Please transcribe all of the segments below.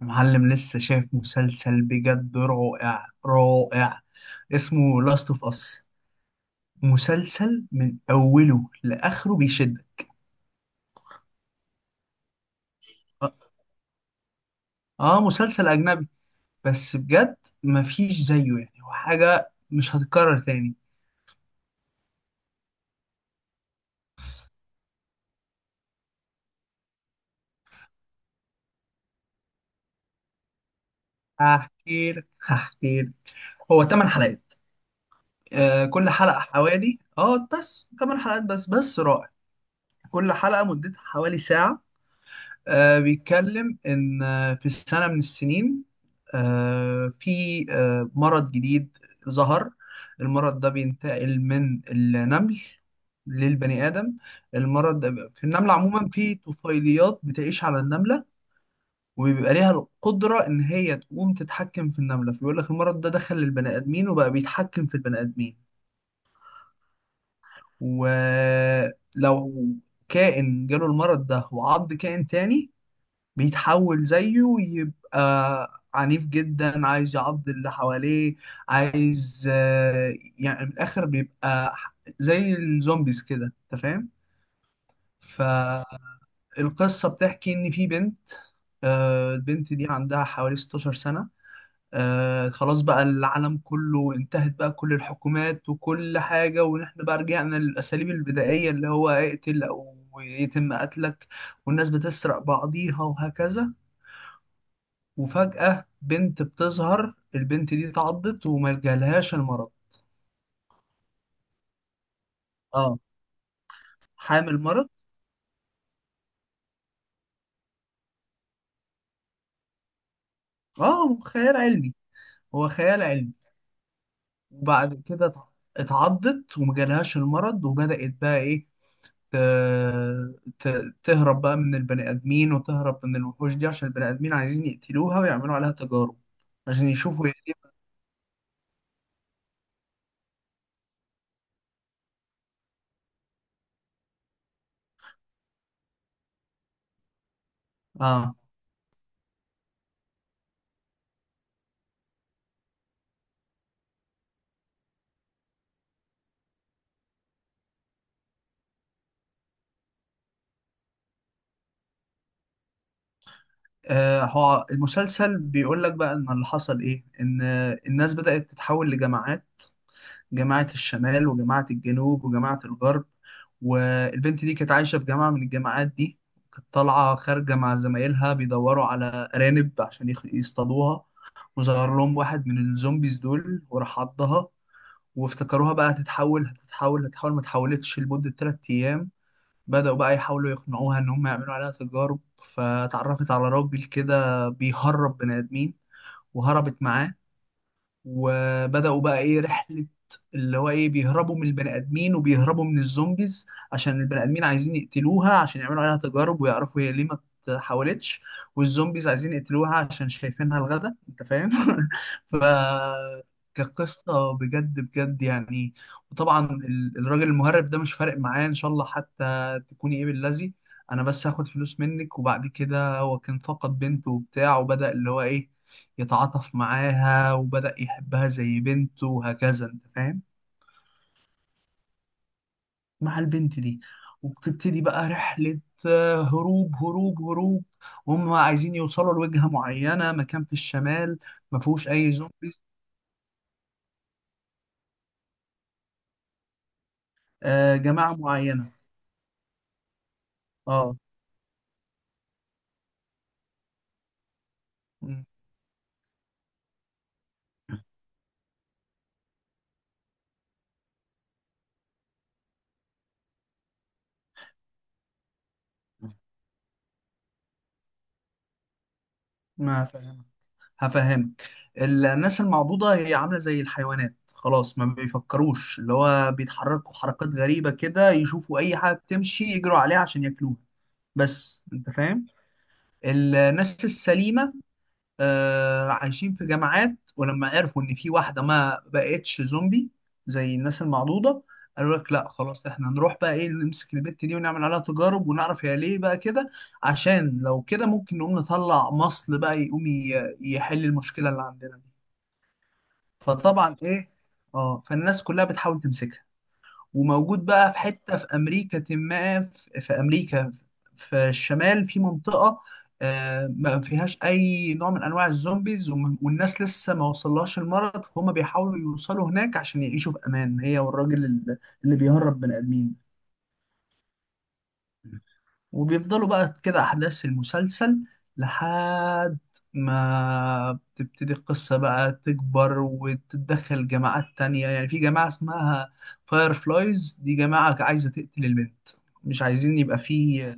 معلم لسه شايف مسلسل بجد رائع رائع. اسمه لاست اوف اس. مسلسل من اوله لاخره بيشدك. اه، مسلسل اجنبي. بس بجد مفيش زيه، يعني هو حاجه مش هتتكرر تاني. هحكي لك. هو 8 حلقات. كل حلقه حوالي بس 8 حلقات، بس بس رائع. كل حلقه مدتها حوالي ساعه. بيتكلم إن في سنة من السنين، في، مرض جديد ظهر. المرض ده بينتقل من النمل للبني آدم. المرض ده في النملة، عموما في طفيليات بتعيش على النملة وبيبقى ليها القدرة إن هي تقوم تتحكم في النملة. فبيقول لك المرض ده دخل للبني آدمين وبقى بيتحكم في البني آدمين. ولو كائن جاله المرض ده وعض كائن تاني، بيتحول زيه ويبقى عنيف جدا، عايز يعض اللي حواليه، عايز يعني من الآخر بيبقى زي الزومبيز كده، أنت فاهم؟ فالقصة بتحكي إن في بنت. البنت دي عندها حوالي 16 سنة. خلاص بقى، العالم كله انتهت بقى، كل الحكومات وكل حاجة، ونحن بقى رجعنا للأساليب البدائية، اللي هو اقتل أو يتم قتلك. والناس بتسرق بعضيها وهكذا. وفجأة بنت بتظهر، البنت دي اتعضت وما جالهاش المرض. اه، حامل مرض. اه، خيال علمي. هو خيال علمي. وبعد كده اتعضت وما جالهاش المرض، وبدأت بقى ايه، ت- تهرب بقى من البني آدمين وتهرب من الوحوش دي، عشان البني آدمين عايزين يقتلوها ويعملوا عليها تجارب، عشان يشوفوا يعني. اه. هو المسلسل بيقول لك بقى ان اللي حصل ايه، ان الناس بدأت تتحول لجماعات. جماعة الشمال وجماعة الجنوب وجماعة الغرب. والبنت دي كانت عايشة في جامعة من الجامعات دي. كانت طالعة خارجة مع زمايلها بيدوروا على أرانب عشان يصطادوها. وظهر لهم واحد من الزومبيز دول وراح عضها، وافتكروها بقى هتتحول هتتحول هتتحول، ما اتحولتش لمدة 3 أيام. بدأوا بقى يحاولوا يقنعوها إن هم يعملوا عليها تجارب. فتعرفت على راجل كده بيهرب بني آدمين، وهربت معاه. وبدأوا بقى ايه، رحلة. اللي هو ايه، بيهربوا من البني ادمين وبيهربوا من الزومبيز. عشان البني ادمين عايزين يقتلوها عشان يعملوا عليها تجارب ويعرفوا هي ليه ما اتحولتش. والزومبيز عايزين يقتلوها عشان شايفينها الغدا، انت فاهم؟ ف كقصة بجد بجد يعني. وطبعا الراجل المهرب ده مش فارق معايا ان شاء الله حتى تكوني ايه باللذي، انا بس هاخد فلوس منك. وبعد كده هو كان فقد بنته وبتاع، وبدأ اللي هو ايه، يتعاطف معاها وبدأ يحبها زي بنته وهكذا، انت فاهم؟ مع البنت دي. وبتبتدي بقى رحلة، هروب هروب هروب. وهم عايزين يوصلوا لوجهة معينة، مكان في الشمال. ما فيهوش أي زومبيز. جماعة معينة. اه. مم. ما فاهم. هفهمك. الناس المعضوضة هي عاملة زي الحيوانات خلاص، ما بيفكروش، اللي هو بيتحركوا حركات غريبة كده، يشوفوا أي حاجة بتمشي يجروا عليها عشان ياكلوها، بس أنت فاهم. الناس السليمة عايشين في جامعات، ولما عرفوا إن في واحدة ما بقتش زومبي زي الناس المعضوضة، قالوا لك لا خلاص، احنا نروح بقى ايه، نمسك البت دي ونعمل عليها تجارب ونعرف هي ليه بقى كده، عشان لو كده ممكن نقوم نطلع مصل بقى يقوم يحل المشكلة اللي عندنا دي. فطبعا ايه. اه، فالناس كلها بتحاول تمسكها. وموجود بقى في حتة في أمريكا، ما في، في أمريكا في الشمال في منطقة، ما فيهاش أي نوع من أنواع الزومبيز، والناس لسه ما وصلهاش المرض. فهم بيحاولوا يوصلوا هناك عشان يعيشوا في أمان، هي والراجل اللي بيهرب بني آدمين. وبيفضلوا بقى كده أحداث المسلسل، لحد ما بتبتدي القصة بقى تكبر وتتدخل جماعات تانية. يعني في جماعة اسمها فاير فلايز، دي جماعة عايزة تقتل البنت، مش عايزين يبقى في.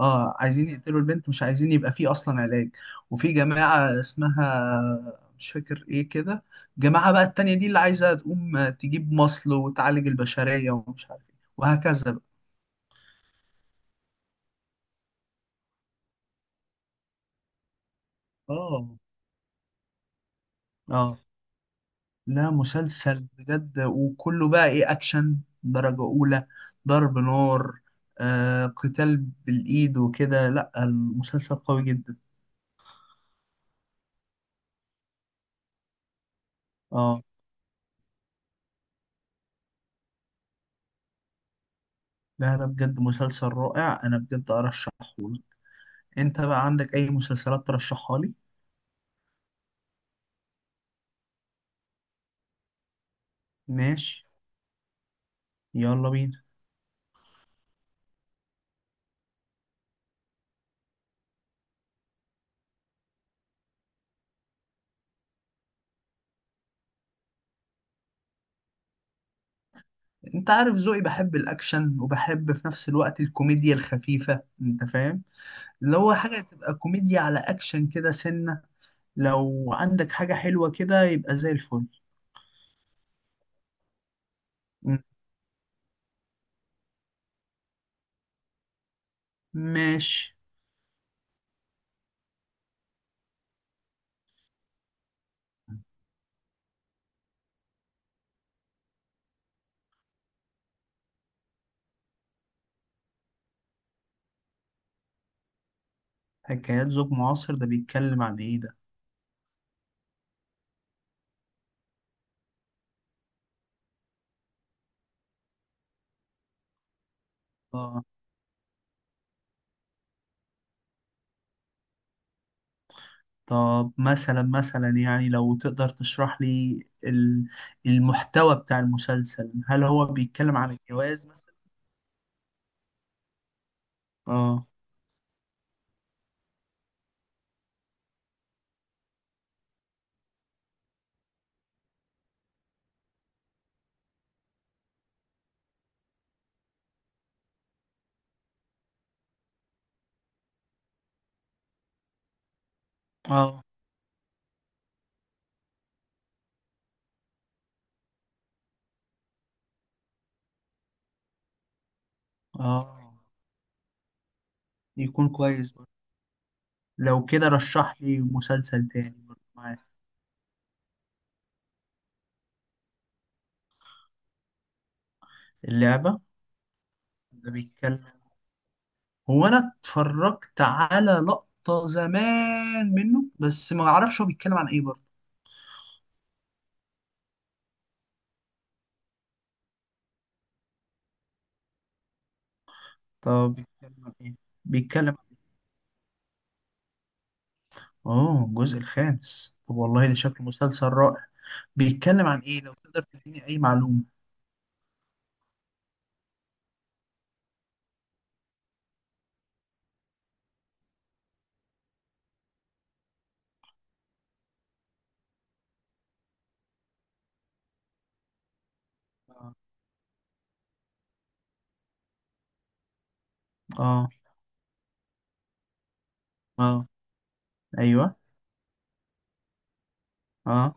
اه، عايزين يقتلوا البنت، مش عايزين يبقى في أصلا علاج. وفي جماعة اسمها مش فاكر ايه كده، جماعة بقى التانية دي اللي عايزة تقوم تجيب مصل وتعالج البشرية ومش عارف ايه وهكذا بقى. اه. اه. لا، مسلسل بجد، وكله بقى ايه، اكشن درجة اولى، ضرب نار، قتال بالايد وكده. لا، المسلسل قوي جدا. اه. لا، لا، بجد مسلسل رائع، انا بجد ارشحه لك. انت بقى عندك اي مسلسلات ترشحها لي؟ ماشي. يلا بينا. انت عارف ذوقي، بحب الاكشن وبحب في نفس الوقت الكوميديا الخفيفة، انت فاهم؟ اللي هو حاجة تبقى كوميديا على اكشن كده سنة، لو عندك حاجة حلوة كده يبقى زي الفل. ماشي. حكايات زوج معاصر ده بيتكلم عن ايه ده؟ اه. طب مثلا مثلا يعني، لو تقدر تشرح لي المحتوى بتاع المسلسل. هل هو بيتكلم عن الجواز مثلا؟ اه، اه، اه، يكون كويس برضه. لو كده رشح لي مسلسل تاني برضه معاك. اللعبة. ده بيتكلم، هو انا اتفرجت على لقطة زمان منه، بس ما اعرفش هو بيتكلم عن ايه برضه. طب بيتكلم عن ايه؟ بيتكلم، اه، الجزء الخامس، طب والله ده شكله مسلسل رائع. بيتكلم عن ايه؟ لو تقدر تديني اي معلومة. آه. اه، اه، ايوه، اه.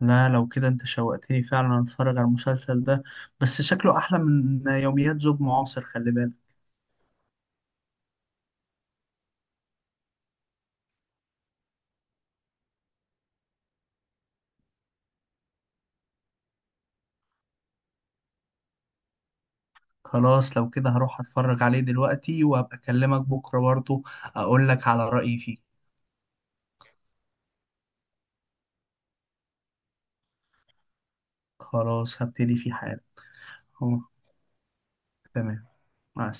لا، لو كده انت شوقتني فعلا اتفرج على المسلسل ده، بس شكله احلى من يوميات زوج معاصر، خلي بالك. خلاص، لو كده هروح اتفرج عليه دلوقتي وهبقى اكلمك بكرة برضو، اقول لك على رأيي فيه. خلاص هبتدي فيه حالا. اه. تمام. مع